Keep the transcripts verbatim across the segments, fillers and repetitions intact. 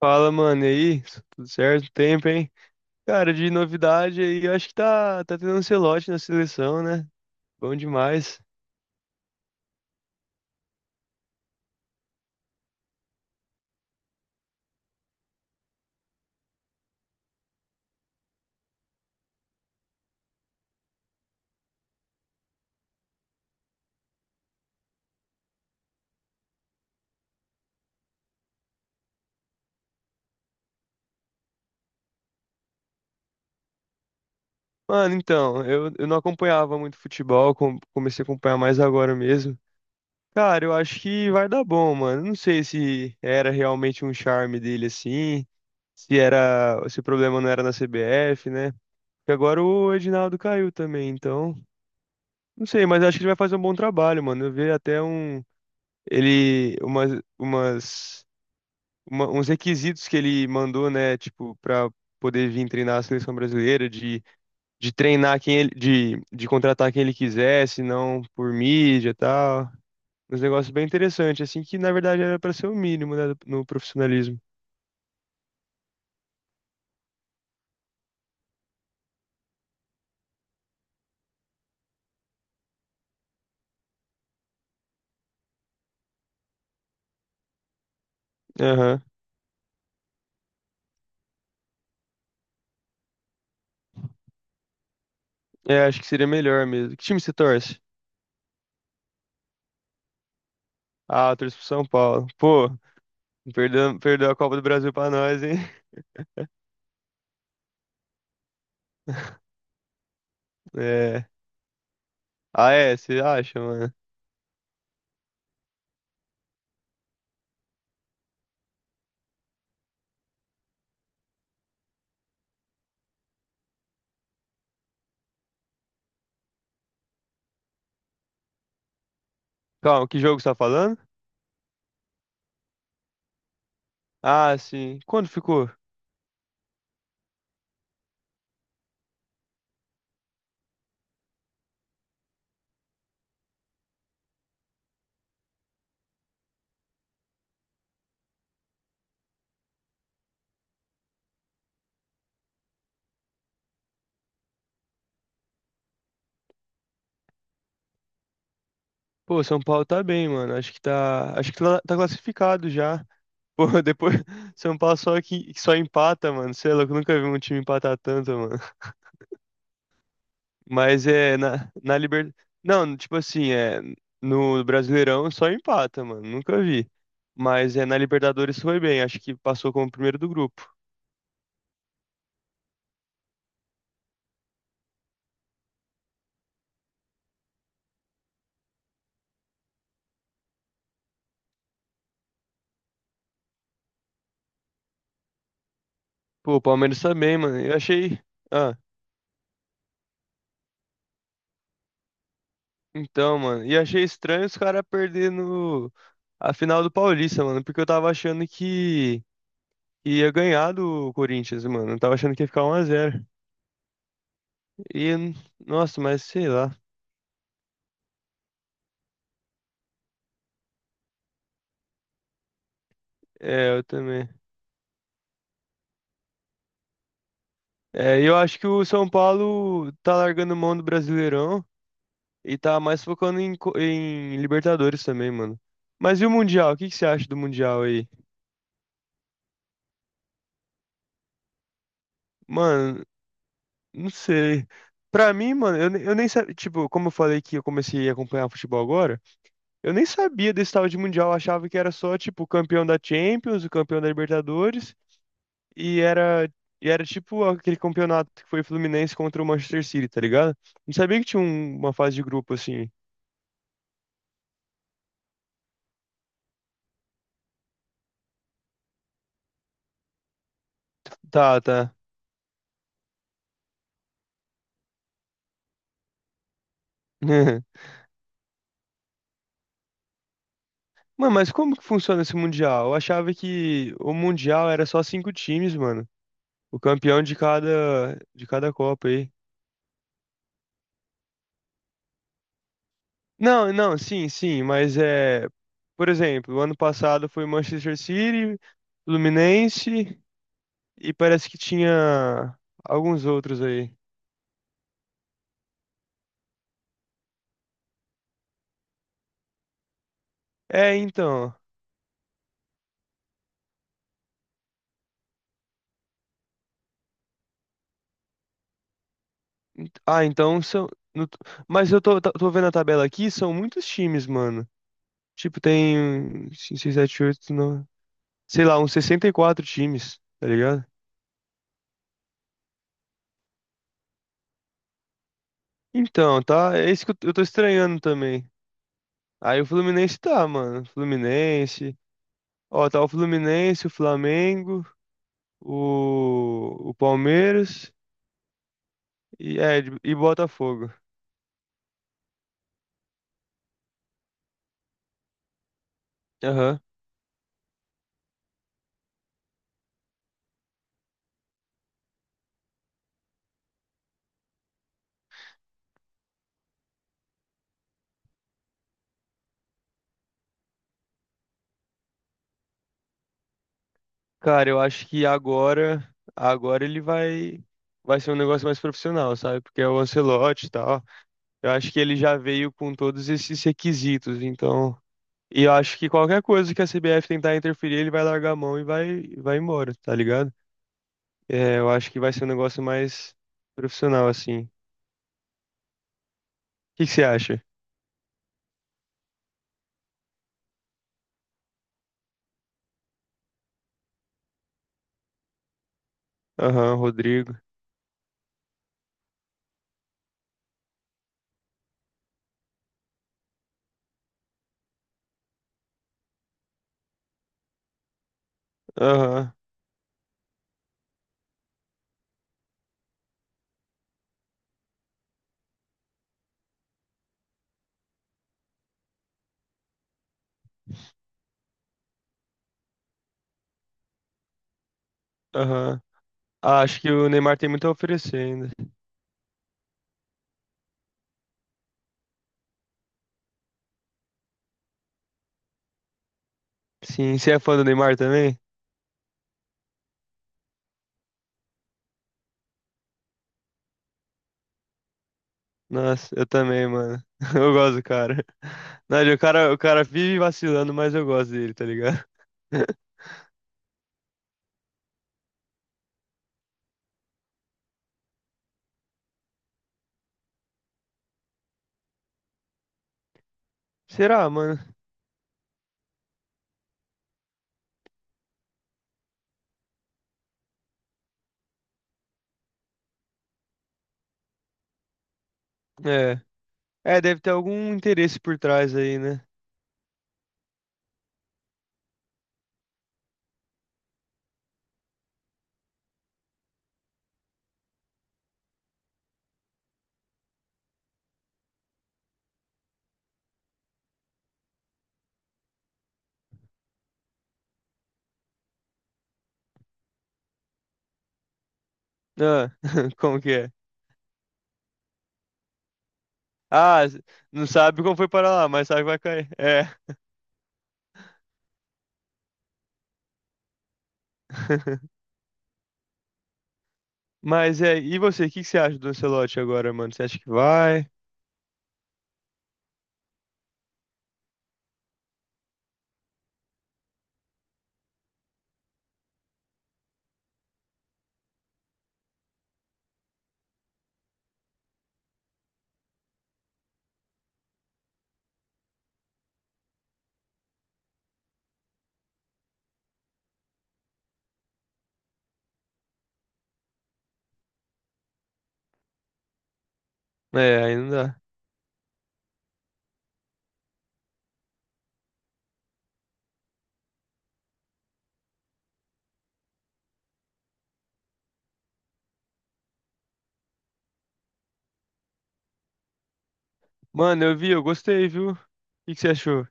Fala, mano, e aí? Tudo certo? Tempo, hein? Cara, de novidade aí, eu acho que tá, tá tendo um Ancelotti na seleção, né? Bom demais. Mano, então, eu, eu não acompanhava muito futebol, com- comecei a acompanhar mais agora mesmo. Cara, eu acho que vai dar bom, mano. Não sei se era realmente um charme dele assim, se era, se o problema não era na C B F, né? Porque agora o Edinaldo caiu também, então, não sei, mas acho que ele vai fazer um bom trabalho, mano. Eu vi até um ele umas umas uma- uns requisitos que ele mandou, né, tipo, para poder vir treinar a seleção brasileira, de, de treinar quem ele, de, de contratar quem ele quisesse, não por mídia e tal. Uns negócios bem interessantes, assim, que na verdade era para ser o mínimo, né, no profissionalismo. Aham. É, acho que seria melhor mesmo. Que time você torce? Ah, eu torço pro São Paulo. Pô, perdeu, perdeu a Copa do Brasil pra nós, hein? É. Ah, é? Você acha, mano? Calma, que jogo você tá falando? Ah, sim. Quando ficou? Pô, São Paulo tá bem, mano. Acho que tá, acho que tá tá classificado já. Pô, depois São Paulo só que que só empata, mano. Sei lá, eu nunca vi um time empatar tanto, mano. Mas é na na Liber... Não, tipo assim, é no Brasileirão só empata, mano. Nunca vi. Mas é na Libertadores foi bem. Acho que passou como primeiro do grupo. Pô, o Palmeiras tá bem, mano. Eu achei, ah, então, mano, e achei estranho os caras perdendo a final do Paulista, mano, porque eu tava achando que ia ganhar do Corinthians, mano. Eu tava achando que ia ficar um a zero. E, nossa, mas sei lá. É, eu também. É, e eu acho que o São Paulo tá largando mão do Brasileirão e tá mais focando em, co- em Libertadores também, mano. Mas e o Mundial? O que que você acha do Mundial aí? Mano, não sei. Pra mim, mano, eu, ne- eu nem sabia. Tipo, como eu falei que eu comecei a acompanhar futebol agora, eu nem sabia desse tal de Mundial. Eu achava que era só, tipo, o campeão da Champions, o campeão da Libertadores. E era, e era tipo aquele campeonato que foi Fluminense contra o Manchester City, tá ligado? Não sabia que tinha um- uma fase de grupo assim. Tá, tá. Mano, mas como que funciona esse Mundial? Eu achava que o Mundial era só cinco times, mano. O campeão de cada, de cada Copa aí. Não, não, sim, sim, mas é. Por exemplo, o ano passado foi Manchester City, Fluminense e parece que tinha alguns outros aí. É, então. Ah, então são. no- Mas eu tô, tá- tô vendo a tabela aqui, são muitos times, mano. Tipo, tem cinco, seis, sete, oito, nove. Sei lá, uns sessenta e quatro times, tá ligado? Então, tá. É isso que eu eu tô estranhando também. Aí o Fluminense tá, mano. Fluminense. Ó, tá o Fluminense, o Flamengo, o, o Palmeiras e, é, e Botafogo. Aham. Cara, eu acho que agora. Agora ele vai. Vai ser um negócio mais profissional, sabe? Porque é o Ancelotti e tal. Eu acho que ele já veio com todos esses requisitos, então. E eu acho que qualquer coisa que a C B F tentar interferir, ele vai largar a mão e vai, vai embora, tá ligado? É, eu acho que vai ser um negócio mais profissional, assim. O que que você acha? Aham, Rodrigo. Aham, aham. Ah, acho que o Neymar tem muito a oferecer ainda. Sim, você é fã do Neymar também? Nossa, eu também, mano. Eu gosto do cara. Não, o cara, o cara vive vacilando, mas eu gosto dele, tá ligado? Será, mano? É. É, deve ter algum interesse por trás aí, né? Ah, como que é? Ah, s- não sabe como foi parar lá, mas sabe que vai cair. É. Mas é, e você, o que que você acha do Ancelotti agora, mano? Você acha que vai? É, aí não dá. Mano, eu vi, eu gostei, viu? O que que você achou?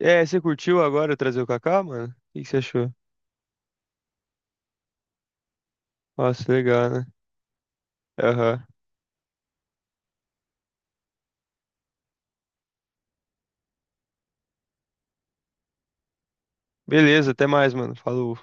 É, você curtiu agora eu trazer o Kaká, mano? O que que você achou? Nossa, legal, né? Aham. Beleza, até mais, mano. Falou.